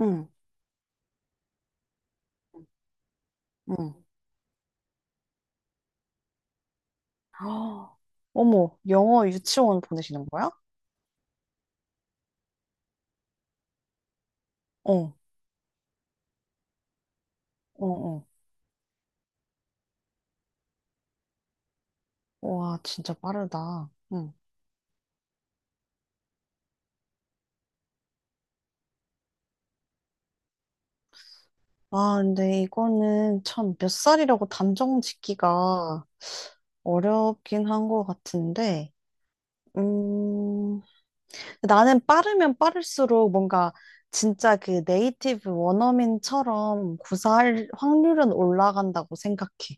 응, 응. 아, 어머, 영어 유치원 보내시는 거야? 어, 어, 어. 와, 진짜 빠르다. 응. 아, 근데 이거는 참 몇 살이라고 단정 짓기가 어렵긴 한 것 같은데, 음, 나는 빠르면 빠를수록 뭔가 진짜 그 네이티브 원어민처럼 구사할 확률은 올라간다고 생각해.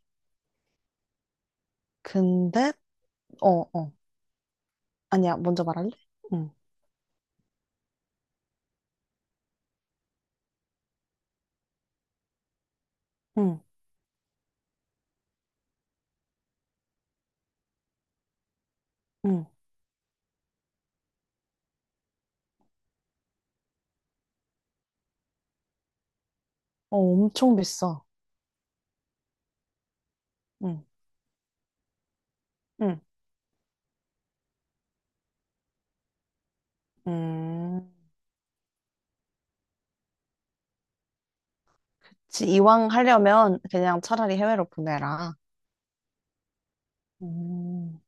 근데, 어, 어. 아니야, 먼저 말할래? 응, 응, 응. 어, 엄청 비싸. 응, 응, 음. 이왕 하려면 그냥 차라리 해외로 보내라. 음,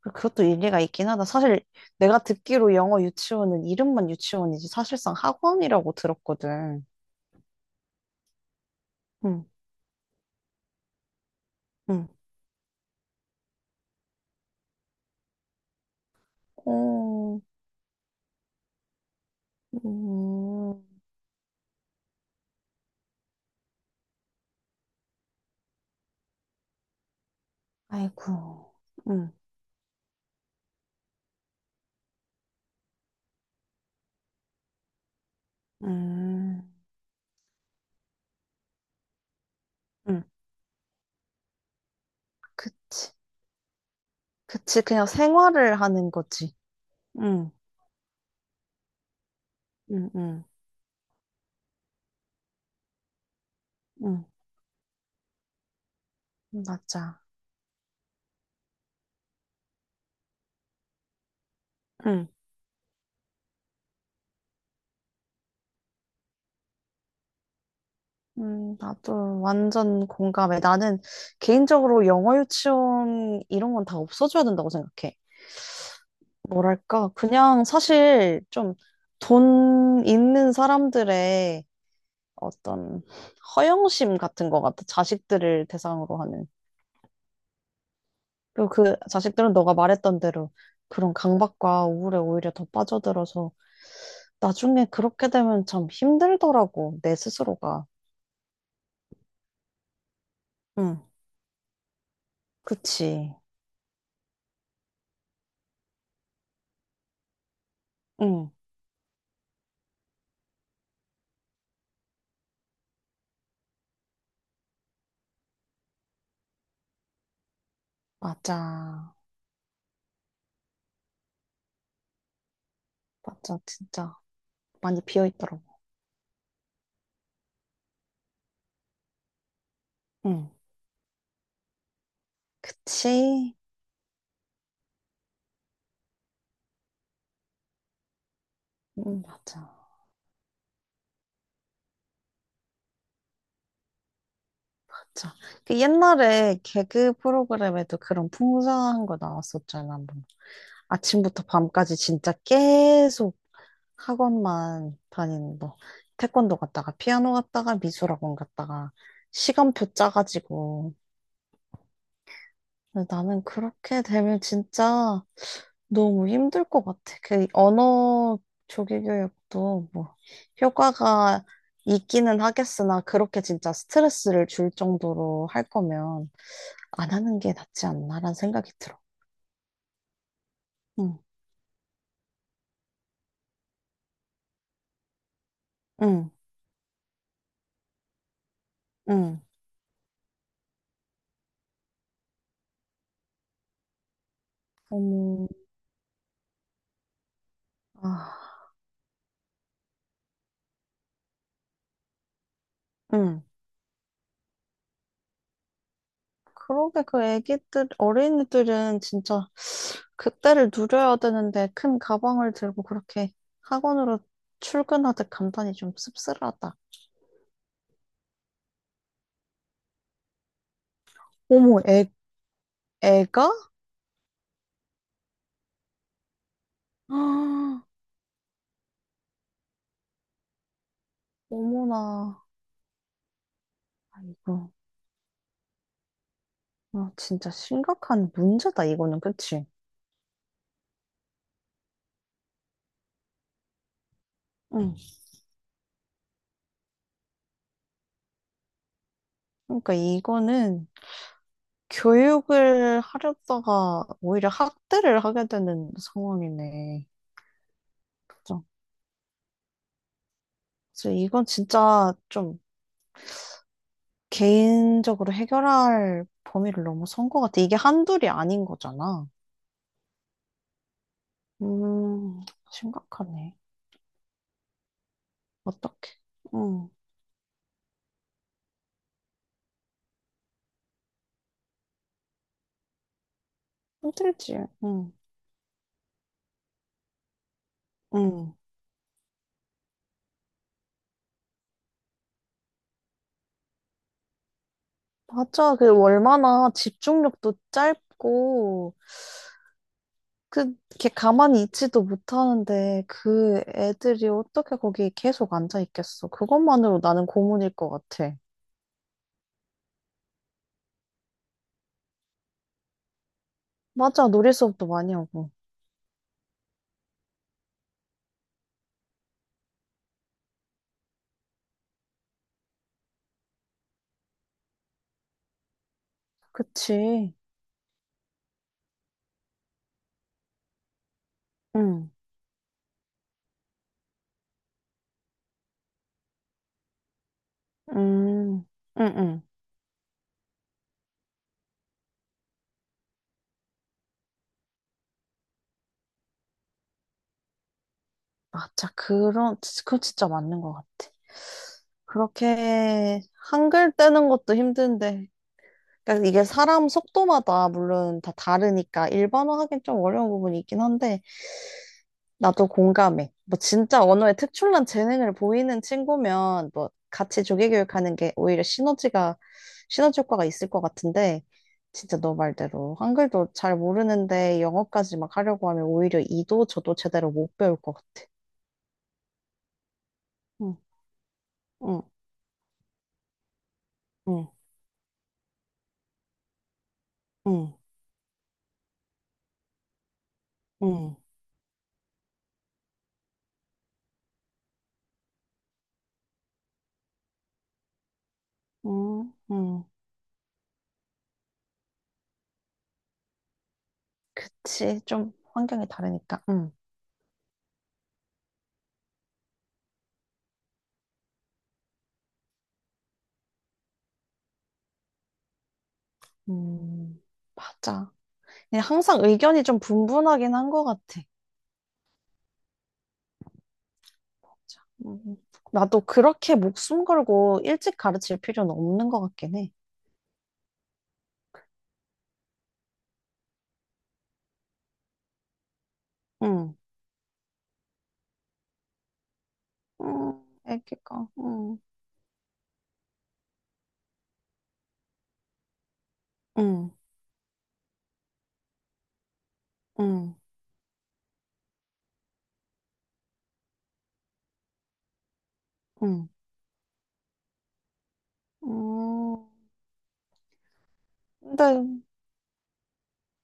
그것도 일리가 있긴 하다. 사실 내가 듣기로 영어 유치원은 이름만 유치원이지 사실상 학원이라고 들었거든. 응, 응. 어, 음, 아이고. 응, 음, 응. 그치. 그치. 그냥 생활을 하는 거지. 응, 응, 응, 응. 맞아. 나도 완전 공감해. 나는 개인적으로 영어 유치원 이런 건 다 없어져야 된다고 생각해. 뭐랄까, 그냥 사실 좀 돈 있는 사람들의 어떤 허영심 같은 것 같아. 자식들을 대상으로 하는. 그리고 그 자식들은 너가 말했던 대로 그런 강박과 우울에 오히려 더 빠져들어서 나중에 그렇게 되면 참 힘들더라고, 내 스스로가. 응, 그치. 응, 맞아. 맞아, 진짜 많이 비어 있더라고. 응, 그치? 응, 맞아, 맞아. 그 옛날에 개그 프로그램에도 그런 풍성한 거 나왔었잖아, 한 번. 아침부터 밤까지 진짜 계속 학원만 다니는 거. 태권도 갔다가 피아노 갔다가 미술학원 갔다가 시간표 짜가지고 근데 나는 그렇게 되면 진짜 너무 힘들 것 같아. 그 언어 조기 교육도 뭐 효과가 있기는 하겠으나 그렇게 진짜 스트레스를 줄 정도로 할 거면 안 하는 게 낫지 않나라는 생각이 들어. 응, 응, 응. 너무, 아, 응. 그러게 그 애기들, 어린이들은 진짜 그때를 누려야 되는데 큰 가방을 들고 그렇게 학원으로 출근하듯 간단히 좀 씁쓸하다. 어머, 애가? 아, 어머나. 아이고, 아, 진짜 심각한 문제다, 이거는, 그치? 응. 그러니까 이거는 교육을 하려다가 오히려 학대를 하게 되는 상황이네. 그죠? 그래서 이건 진짜 좀 개인적으로 해결할 범위를 너무 선 것 같아. 이게 한둘이 아닌 거잖아. 음, 심각하네. 어떡해. 응, 힘들지. 응, 응. 맞아. 그 얼마나 집중력도 짧고, 그, 걔 가만히 있지도 못하는데, 그 애들이 어떻게 거기 계속 앉아 있겠어. 그것만으로 나는 고문일 것 같아. 맞아. 놀이 수업도 많이 하고. 그치. 응, 음, 응, 응. 맞아. 그런, 그거 진짜 맞는 것 같아. 그렇게 한글 떼는 것도 힘든데. 그러니까 이게 사람 속도마다 물론 다 다르니까 일반화하긴 좀 어려운 부분이 있긴 한데 나도 공감해. 뭐 진짜 언어에 특출난 재능을 보이는 친구면 뭐 같이 조기 교육하는 게 오히려 시너지 효과가 있을 것 같은데 진짜 너 말대로 한글도 잘 모르는데 영어까지 막 하려고 하면 오히려 이도 저도 제대로 못 배울 것 같아. 응, 응, 응. 응, 응, 응, 응. 그치. 좀 환경이 다르니까. 응. 음, 맞아. 그냥 항상 의견이 좀 분분하긴 한 것 같아. 맞아. 나도 그렇게 목숨 걸고 일찍 가르칠 필요는 없는 것 같긴 해. 응, 응, 애기가. 응, 응, 응, 응. 음, 근데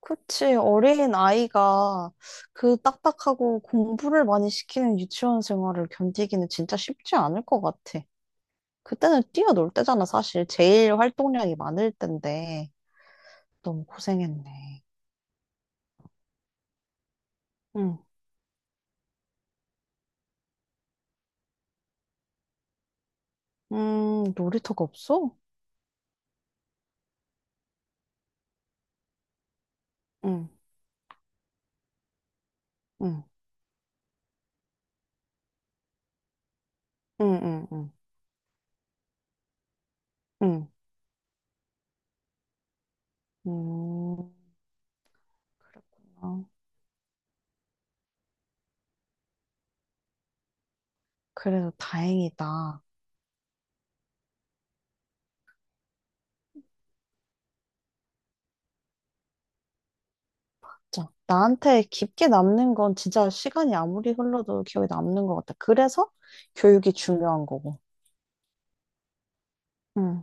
그치 어린 아이가 그 딱딱하고 공부를 많이 시키는 유치원 생활을 견디기는 진짜 쉽지 않을 것 같아. 그때는 뛰어놀 때잖아, 사실. 제일 활동량이 많을 때인데 너무 고생했네. 응. 놀이터가 없어? 응, 응, 응, 응, 응, 응. 음, 그랬구나. 그래도 다행이다. 진짜. 나한테 깊게 남는 건 진짜 시간이 아무리 흘러도 기억에 남는 것 같아. 그래서 교육이 중요한 거고. 응,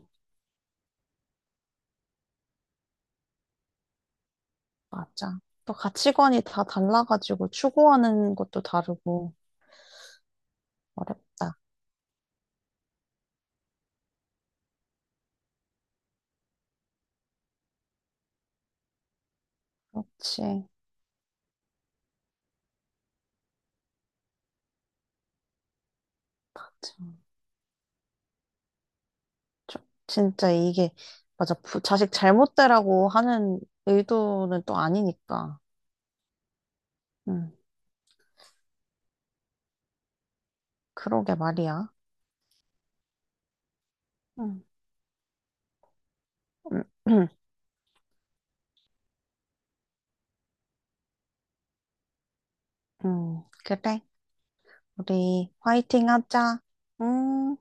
맞아. 또 가치관이 다 달라가지고 추구하는 것도 다르고 어렵다. 그렇지. 그렇지. 저- 진짜 이게 맞아 자식 잘못되라고 하는 의도는 또 아니니까. 음, 그러게 말이야. 음, 음, 그래. 우리 화이팅 하자. 음.